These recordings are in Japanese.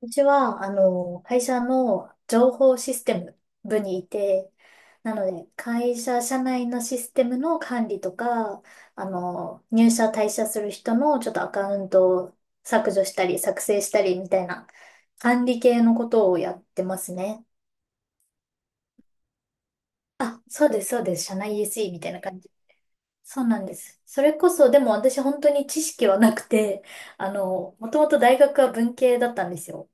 うちは、会社の情報システム部にいて、なので、会社社内のシステムの管理とか、入社退社する人のちょっとアカウントを削除したり、作成したりみたいな管理系のことをやってますね。あ、そうです、そうです。社内 SE みたいな感じ。そうなんです。それこそ、でも私本当に知識はなくて、もともと大学は文系だったんですよ。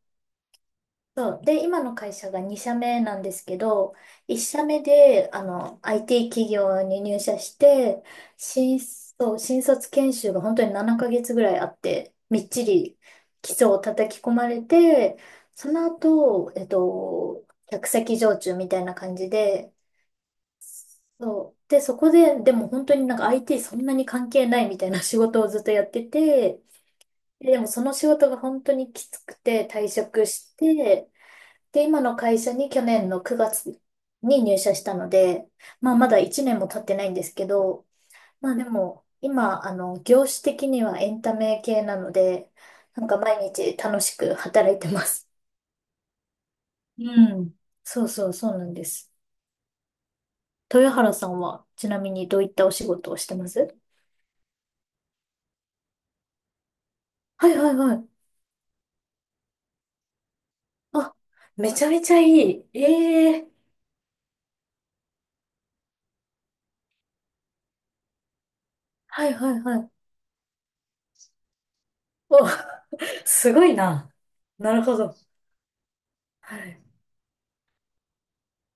そう。で、今の会社が2社目なんですけど、1社目で、IT 企業に入社して、そう、新卒研修が本当に7ヶ月ぐらいあって、みっちり基礎を叩き込まれて、その後、客先常駐みたいな感じで、そう。で、そこで、でも本当になんか IT そんなに関係ないみたいな仕事をずっとやってて、でもその仕事が本当にきつくて退職して、で、今の会社に去年の9月に入社したので、まあまだ1年も経ってないんですけど、まあでも今、業種的にはエンタメ系なので、なんか毎日楽しく働いてます。うん。そうそうそうなんです。豊原さんはちなみにどういったお仕事をしてます？はいはいはい。あ、めちゃめちゃいい。ええ、はいはいはい。お、すごいな。なるほど。はい。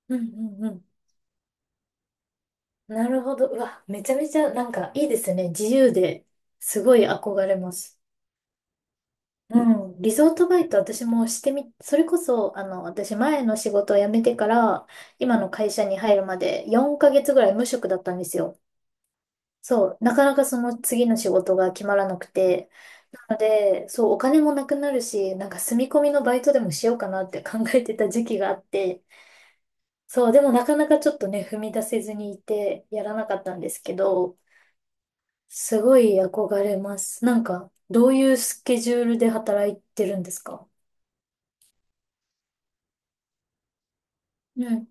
うんうんうん。なるほど。うわ、めちゃめちゃなんかいいですね。自由で、すごい憧れます。うん。リゾートバイト私もしてみ、それこそ、私前の仕事を辞めてから、今の会社に入るまで4ヶ月ぐらい無職だったんですよ。そう。なかなかその次の仕事が決まらなくて。なので、そう、お金もなくなるし、なんか住み込みのバイトでもしようかなって考えてた時期があって、そう、でもなかなかちょっとね、踏み出せずにいて、やらなかったんですけど、すごい憧れます。なんか、どういうスケジュールで働いてるんですか？うん、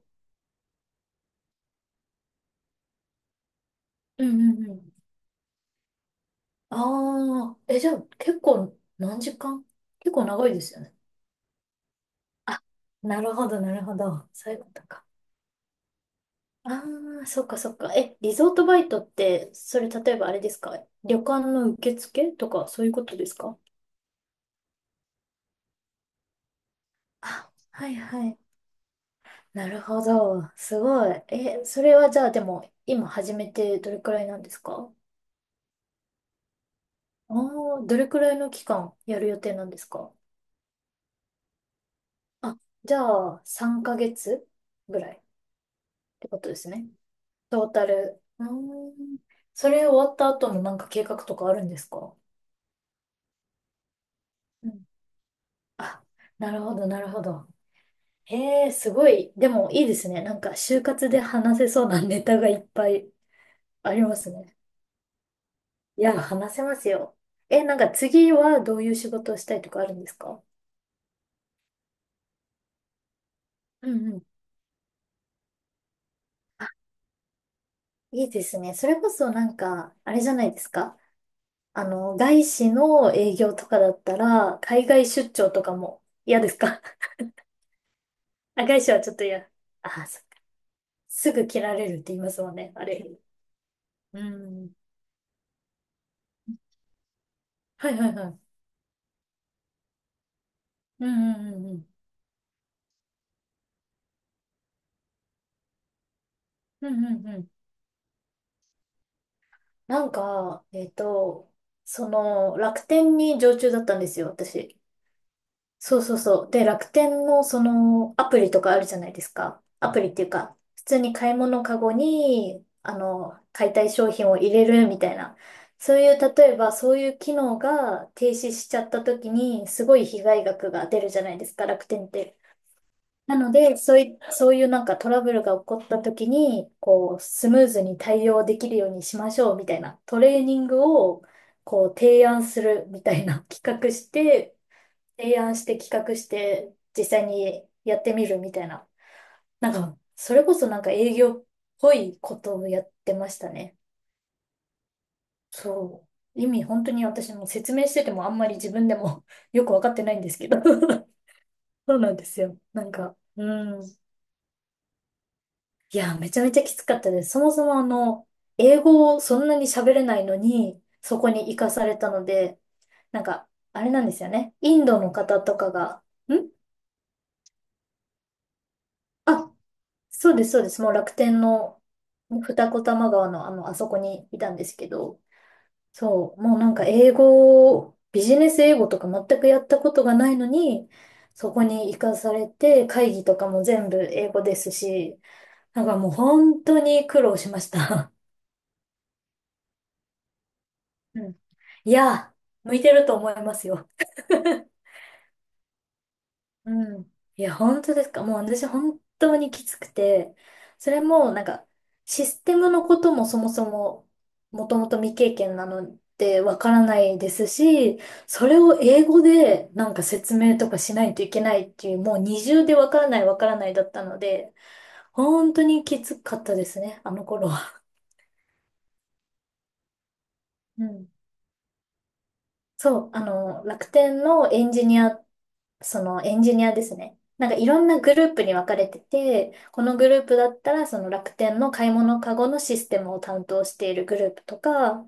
うん、うん、うん。ああ、え、じゃあ結構何時間？結構長いですよね。あ、なるほど、なるほど。そういうことか。ああ、そっかそっか。え、リゾートバイトって、それ例えばあれですか？旅館の受付とかそういうことですか？あ、はいはい。なるほど。すごい。え、それはじゃあでも、今始めてどれくらいなんですか？ああ、どれくらいの期間やる予定なんですか？あ、じゃあ、3ヶ月ぐらいってことですね。トータル。うーん。それ終わった後のなんか計画とかあるんですか？うん。あ、なるほど、なるほど。へえ、すごい。でもいいですね。なんか、就活で話せそうなネタがいっぱいありますね。いや、話せますよ。え、なんか次はどういう仕事をしたいとかあるんですか？うんうん。いいですね。それこそなんか、あれじゃないですか。外資の営業とかだったら、海外出張とかも嫌ですか？ あ、外資はちょっと嫌。あ、そっか。すぐ切られるって言いますもんね、あれ。うん。はいはいはい。うんうんうんうん。うんうんうん。なんか、その、楽天に常駐だったんですよ、私。そうそうそう。で、楽天のそのアプリとかあるじゃないですか。アプリっていうか、普通に買い物カゴに、買いたい商品を入れるみたいな。そういう、例えばそういう機能が停止しちゃった時に、すごい被害額が出るじゃないですか、楽天って。なので、そういうなんかトラブルが起こった時に、こう、スムーズに対応できるようにしましょうみたいなトレーニングを、こう、提案するみたいな企画して、提案して企画して実際にやってみるみたいな。なんか、それこそなんか営業っぽいことをやってましたね。そう。意味本当に私も説明しててもあんまり自分でも よくわかってないんですけど そうなんですよ。なんか、うん。いや、めちゃめちゃきつかったです。そもそも英語をそんなに喋れないのに、そこに行かされたので、なんか、あれなんですよね。インドの方とかが、ん。あ、そうです、そうです。もう楽天の二子玉川のあの、あそこにいたんですけど、そう、もうなんか英語、ビジネス英語とか全くやったことがないのに、そこに行かされて、会議とかも全部英語ですし、なんかもう本当に苦労しました。うん。いや、向いてると思いますよ。うん。いや、本当ですか。もう私本当にきつくて、それもなんかシステムのこともそもそももともと未経験なのでわからないですし、それを英語でなんか説明とかしないといけないっていう、もう二重でわからないわからないだったので、本当にきつかったですね、あの頃は。うん。そう、楽天のエンジニアそのエンジニアですね。なんかいろんなグループに分かれてて、このグループだったらその楽天の買い物カゴのシステムを担当しているグループとか、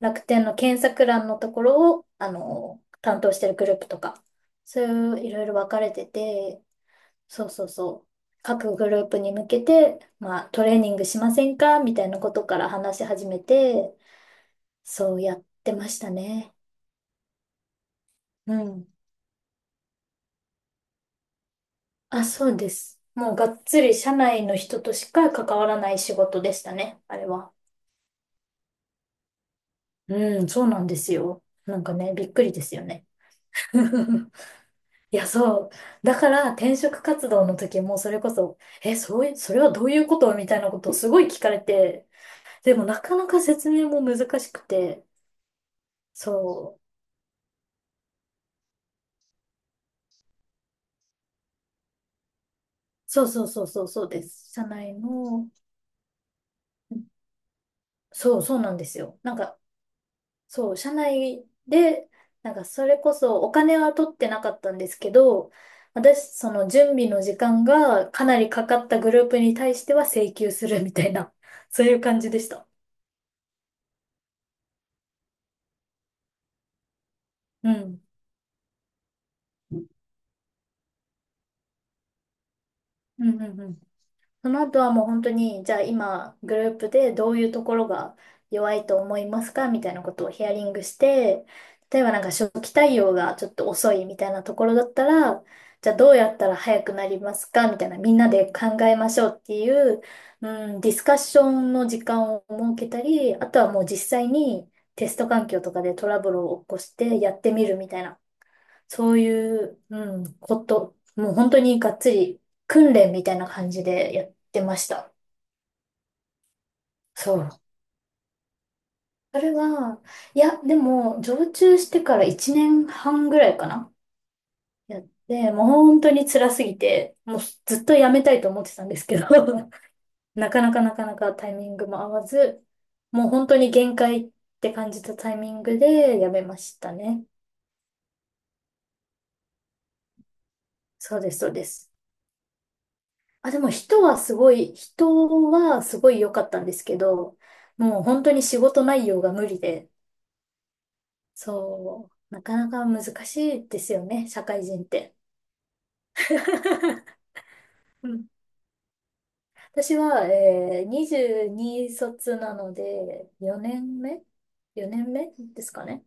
楽天の検索欄のところを、担当しているグループとか、そういういろいろ分かれてて、そうそうそう。各グループに向けて、まあ、トレーニングしませんかみたいなことから話し始めて、そうやってましたね。うん。あ、そうです。もうがっつり社内の人としか関わらない仕事でしたね、あれは。うん、そうなんですよ。なんかね、びっくりですよね。いや、そう。だから転職活動の時もそれこそ、え、そういう、それはどういうことみたいなことをすごい聞かれて、でもなかなか説明も難しくて、そう。そうそうそうそうそうです。社内の、そうそうなんですよ。なんかそう、社内で、なんかそれこそお金は取ってなかったんですけど、私、その準備の時間がかなりかかったグループに対しては請求するみたいな、そういう感じでした。うん。うんうんうん。その後はもう本当に、じゃあ今、グループでどういうところが弱いと思いますかみたいなことをヒアリングして、例えばなんか初期対応がちょっと遅いみたいなところだったら、じゃあどうやったら早くなりますかみたいな、みんなで考えましょうっていう、うん、ディスカッションの時間を設けたり、あとはもう実際にテスト環境とかでトラブルを起こしてやってみるみたいな。そういう、うん、こと、もう本当にがっつり訓練みたいな感じでやってました。そう。それは、いや、でも、常駐してから1年半ぐらいかな。やって、もう本当に辛すぎて、もうずっとやめたいと思ってたんですけど、なかなかなかなかタイミングも合わず、もう本当に限界って感じたタイミングでやめましたね。そうです、そうです。あ、でも人はすごい、人はすごい良かったんですけど、もう本当に仕事内容が無理で、そう、なかなか難しいですよね、社会人って。うん。私は、22卒なので、4 年目ですかね。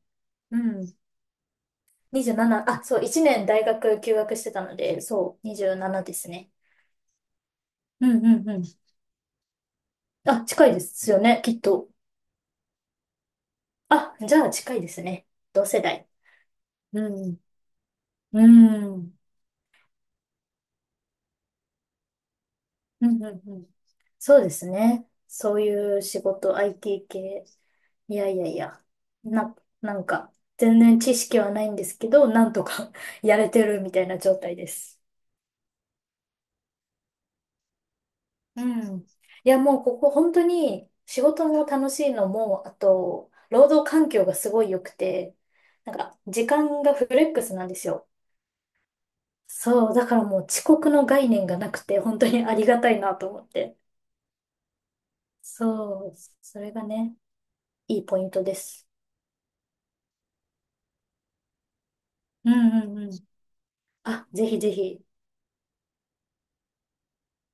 うん。27、あ、そう、1年大学休学してたので、そう、27ですね。うんうんうん。あ、近いですよね、きっと。あ、じゃあ近いですね。同世代。うんうん。うんうんうん。そうですね。そういう仕事、IT 系。いやいやいや。な、なんか、全然知識はないんですけど、なんとか やれてるみたいな状態です。うん。いや、もうここ本当に仕事も楽しいのも、あと、労働環境がすごい良くて、なんか、時間がフレックスなんですよ。そう、だからもう遅刻の概念がなくて、本当にありがたいなと思って。そう、それがね。いいポイントです。うんうんうん。あ、ぜひぜひ、